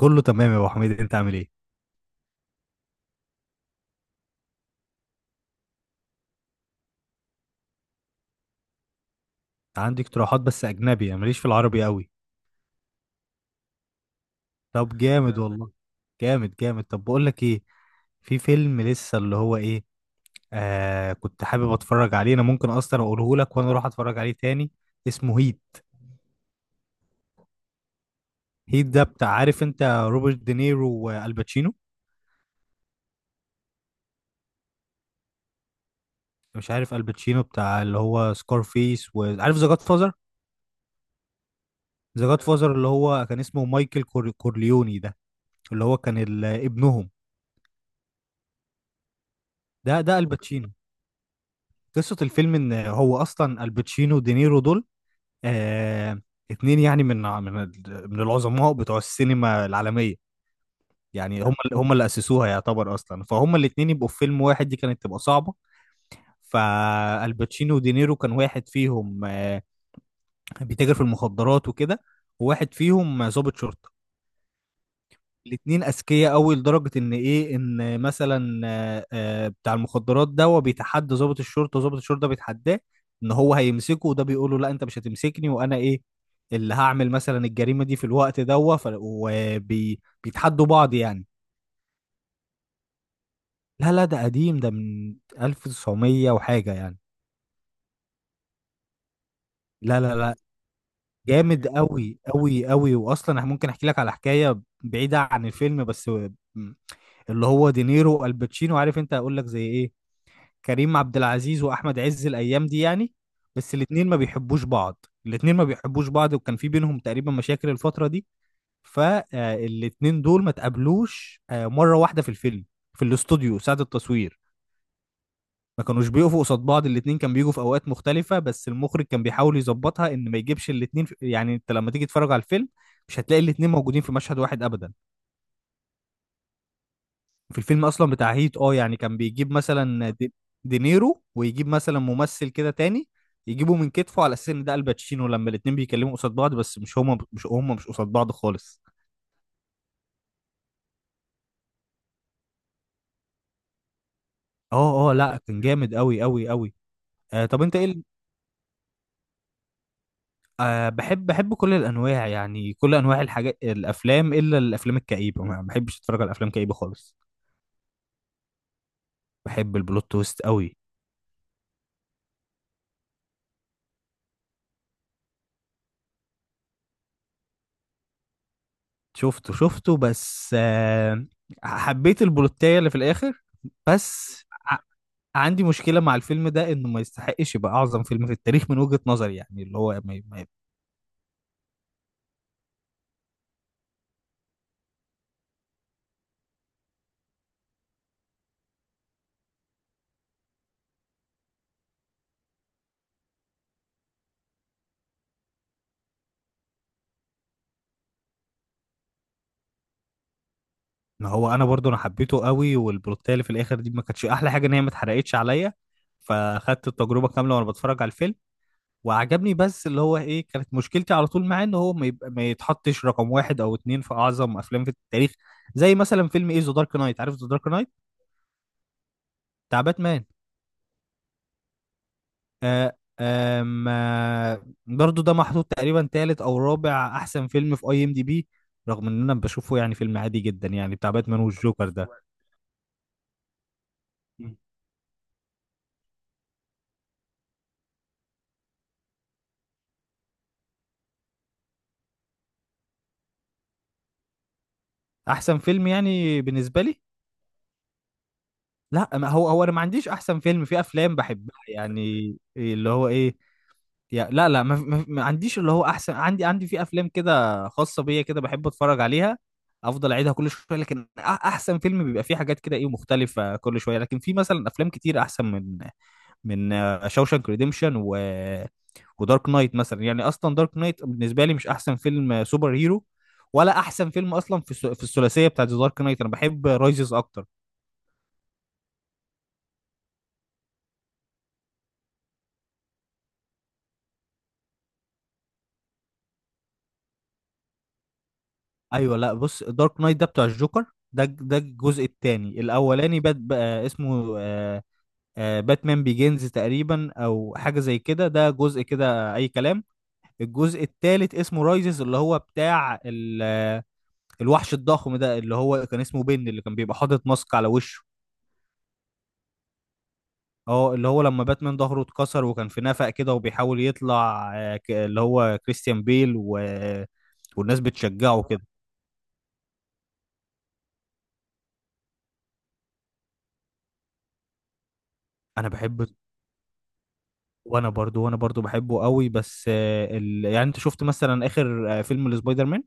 كله تمام يا ابو حميد، انت عامل ايه؟ عندي اقتراحات بس اجنبي، انا ماليش في العربي قوي. طب جامد والله. جامد. طب بقول لك ايه، في فيلم لسه اللي هو ايه، كنت حابب اتفرج عليه، انا ممكن اصلا اقوله لك وانا اروح اتفرج عليه تاني. اسمه هيت. هيت ده بتاع، عارف انت، روبرت دينيرو والباتشينو. مش عارف الباتشينو بتاع اللي هو سكارفيس، وعارف ذا جاد فازر. ذا جاد فازر اللي هو كان اسمه كورليوني ده، اللي هو كان ابنهم. ده الباتشينو. قصة الفيلم إن هو أصلا الباتشينو ودينيرو دول، آه اتنين يعني من من العظماء بتوع السينما العالمية. يعني هم اللي أسسوها يعتبر أصلا، فهم الاتنين يبقوا في فيلم واحد دي كانت تبقى صعبة. فالباتشينو ودينيرو، كان واحد فيهم بيتاجر في المخدرات وكده، وواحد فيهم ضابط شرطة. الاتنين اذكياء قوي لدرجه ان ايه، ان مثلا بتاع المخدرات ده هو بيتحدى ضابط الشرطه، وضابط الشرطه ده بيتحداه ان هو هيمسكه، وده بيقول له لا انت مش هتمسكني وانا ايه اللي هعمل مثلا الجريمه دي في الوقت ده، وبيتحدوا بعض يعني. لا لا، ده قديم، ده من 1900 وحاجه يعني. لا لا لا، جامد قوي قوي قوي، واصلا انا ممكن احكي لك على حكايه بعيده عن الفيلم، بس اللي هو دينيرو والباتشينو، عارف انت، هقول لك زي ايه، كريم عبد العزيز واحمد عز الايام دي يعني. بس الاتنين ما بيحبوش بعض، الاتنين ما بيحبوش بعض، وكان في بينهم تقريبا مشاكل الفترة دي. فالاتنين دول ما تقابلوش مرة واحدة في الفيلم، في الاستوديو ساعة التصوير. ما كانوش بيقفوا قصاد بعض، الاتنين كان بيجوا في اوقات مختلفة، بس المخرج كان بيحاول يظبطها ان ما يجيبش الاتنين يعني انت لما تيجي تتفرج على الفيلم مش هتلاقي الاتنين موجودين في مشهد واحد ابدا. في الفيلم اصلا بتاع هيت، اه، يعني كان بيجيب مثلا دينيرو، ويجيب مثلا ممثل كده تاني، يجيبه من كتفه على اساس ان ده الباتشينو، لما الاتنين بيكلموا قصاد بعض، بس مش هما مش قصاد بعض خالص. اه اه، لا كان جامد قوي قوي قوي. طب انت ايه بحب، كل الانواع يعني، كل انواع الحاجات، الافلام، الا الافلام الكئيبه، ما بحبش اتفرج على افلام كئيبه خالص. بحب البلوت تويست قوي. شفته بس حبيت البلوتايه اللي في الاخر، بس عندي مشكلة مع الفيلم ده، انه ما يستحقش يبقى اعظم فيلم في التاريخ من وجهة نظري، يعني اللي هو ما هو انا برضو انا حبيته قوي، والبلوتيه اللي في الاخر دي ما كانتش احلى حاجة ان هي ما اتحرقتش عليا، فاخدت التجربة كاملة وانا بتفرج على الفيلم وعجبني، بس اللي هو ايه، كانت مشكلتي على طول معاه ان هو ما يتحطش رقم واحد او اتنين في اعظم افلام في التاريخ، زي مثلا فيلم ايه ذا دارك نايت، عارف ذا دارك نايت بتاع باتمان؟ آه آم، آه برضو ده محطوط تقريبا تالت او رابع احسن فيلم في اي ام دي بي، رغم ان انا بشوفه يعني فيلم عادي جدا يعني، بتاع باتمان والجوكر ده. مم. احسن فيلم يعني بالنسبه لي، لا ما هو هو، انا ما عنديش احسن فيلم، في افلام بحبها يعني، اللي هو ايه، يا لا لا، ما عنديش اللي هو احسن، عندي، عندي في افلام كده خاصه بيا كده بحب اتفرج عليها، افضل اعيدها كل شويه، لكن احسن فيلم بيبقى فيه حاجات كده ايه مختلفه كل شويه، لكن في مثلا افلام كتير احسن من شوشانك ريديمشن ودارك نايت مثلا. يعني اصلا دارك نايت بالنسبه لي مش احسن فيلم سوبر هيرو، ولا احسن فيلم اصلا في في الثلاثيه بتاعت دارك نايت، انا بحب رايزز اكتر. ايوه، لا بص، دارك نايت ده بتاع الجوكر، ده الجزء الثاني. الاولاني بات بقى اسمه باتمان بيجينز تقريبا، او حاجه زي كده، ده جزء كده اي كلام. الجزء الثالث اسمه رايزز، اللي هو بتاع الوحش الضخم ده، اللي هو كان اسمه بن، اللي كان بيبقى حاطط ماسك على وشه. اه، اللي هو لما باتمان ظهره اتكسر وكان في نفق كده وبيحاول يطلع، اللي هو كريستيان بيل، والناس بتشجعه كده. انا بحب، وانا برضو بحبه قوي، بس يعني انت شفت مثلا اخر فيلم لسبايدر مان،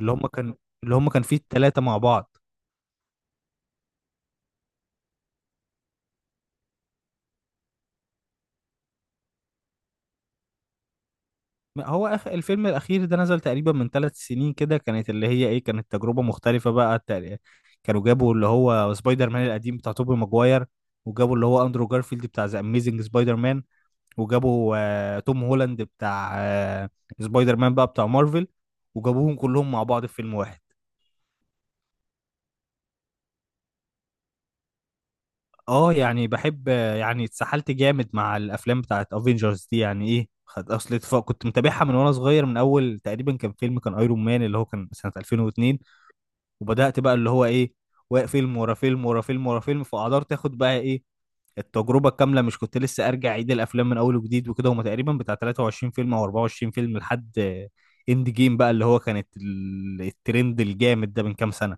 اللي هم كان اللي هم كان فيه التلاتة مع بعض؟ ما هو الفيلم الاخير ده نزل تقريبا من 3 سنين كده، كانت اللي هي ايه، كانت تجربة مختلفة بقى. كانوا جابوا اللي هو سبايدر مان القديم بتاع توبي ماجواير، وجابوا اللي هو اندرو جارفيلد بتاع ذا اميزنج سبايدر مان، وجابوا توم هولاند بتاع سبايدر مان بقى بتاع مارفل، وجابوهم كلهم مع بعض في فيلم واحد. اه يعني بحب، يعني اتسحلت جامد مع الافلام بتاعت افنجرز دي، يعني ايه، خد اصل اتفاق، كنت متابعها من وانا صغير من اول تقريبا كان فيلم، كان ايرون مان اللي هو كان سنة 2002، وبدأت بقى اللي هو ايه، واقف فيلم ورا فيلم ورا فيلم ورا فيلم، فقدرت اخد بقى ايه، التجربه الكامله، مش كنت لسه ارجع اعيد الافلام من اول وجديد وكده. هما تقريبا بتاع 23 فيلم او 24 فيلم لحد اند جيم بقى، اللي هو كانت الترند الجامد ده من كام سنه.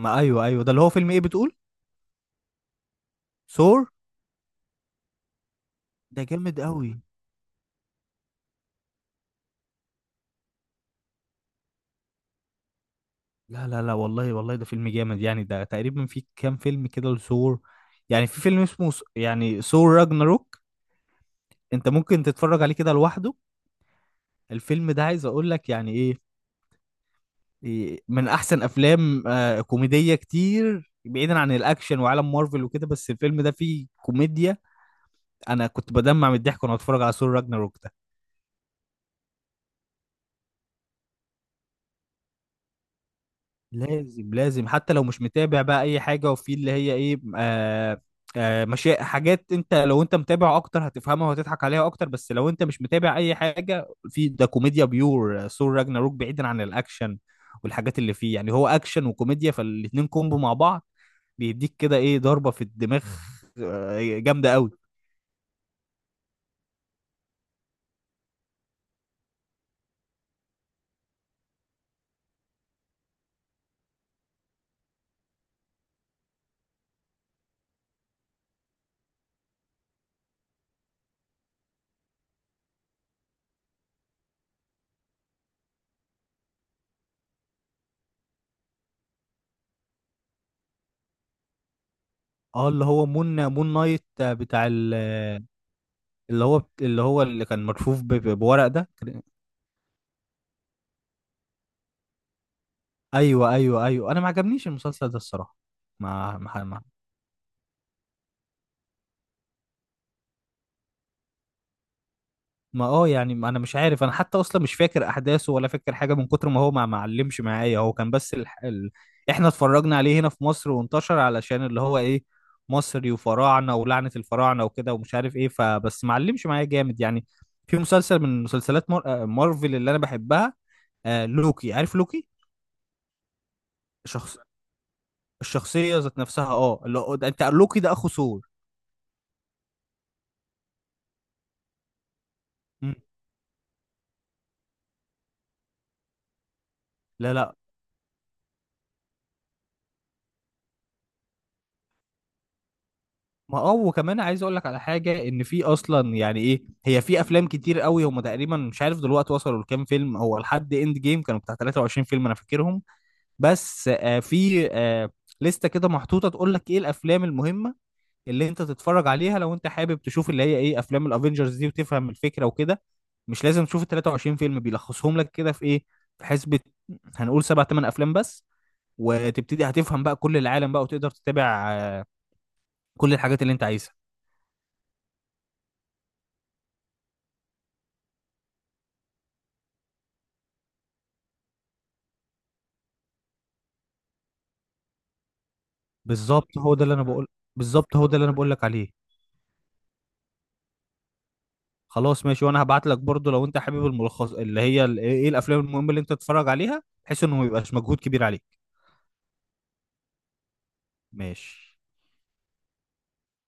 ما ايوه ايوه، ده اللي هو فيلم ايه بتقول، ثور؟ ده جامد قوي. لا لا لا والله، والله ده فيلم جامد يعني، ده تقريبا في كام فيلم كده لثور، يعني في فيلم اسمه يعني ثور راجناروك، انت ممكن تتفرج عليه كده لوحده. الفيلم ده عايز اقول لك يعني ايه، من احسن افلام كوميديه، كتير بعيدا عن الاكشن وعالم مارفل وكده، بس الفيلم ده فيه كوميديا، انا كنت بدمع من الضحك وانا بتفرج على ثور راجناروك ده. لازم لازم، حتى لو مش متابع بقى اي حاجه. وفي اللي هي ايه، مشي، حاجات انت لو انت متابع اكتر هتفهمها وهتضحك عليها اكتر، بس لو انت مش متابع اي حاجه في ده، كوميديا بيور، ثور راجناروك، بعيدا عن الاكشن والحاجات اللي فيه، يعني هو اكشن وكوميديا، فالاتنين كومبو مع بعض، بيديك كده ايه، ضربة في الدماغ، جامدة قوي. اه، اللي هو مون نايت بتاع اللي هو اللي كان ملفوف بورق ده. ايوه ايوه ايوه، انا ما عجبنيش المسلسل ده الصراحة، ما ما ما اه يعني، ما انا مش عارف، انا حتى اصلا مش فاكر احداثه ولا فاكر حاجه، من كتر ما هو ما معلمش معايا. هو كان بس احنا اتفرجنا عليه هنا في مصر وانتشر علشان اللي هو ايه، مصري وفراعنه ولعنه الفراعنه وكده ومش عارف ايه، فبس معلمش معايا جامد يعني. في مسلسل من مسلسلات مارفل اللي انا بحبها، آه، لوكي، عارف لوكي؟ شخص، الشخصيه ذات نفسها، اه اللي انت، لوكي ده اخو ثور. مم. لا لا. ما اه، وكمان عايز اقول لك على حاجه، ان في اصلا يعني ايه هي، في افلام كتير قوي، هم تقريبا مش عارف دلوقتي وصلوا لكام فيلم، هو لحد اند جيم كانوا بتاع 23 فيلم انا فاكرهم، بس آه في آه لسته كده محطوطه تقول لك ايه الافلام المهمه اللي انت تتفرج عليها، لو انت حابب تشوف اللي هي ايه افلام الافينجرز دي وتفهم الفكره وكده، مش لازم تشوف ال 23 فيلم، بيلخصهم لك كده في ايه، في حسبه هنقول 7 8 افلام بس، وتبتدي هتفهم بقى كل العالم بقى، وتقدر تتابع كل الحاجات اللي انت عايزها. بالظبط هو ده اللي انا بقول، لك عليه. خلاص ماشي، وانا هبعت لك برضو لو انت حابب الملخص، اللي هي ال- ايه إيه الافلام المهمه اللي انت تتفرج عليها، بحيث انه ما يبقاش مجهود كبير عليك. ماشي.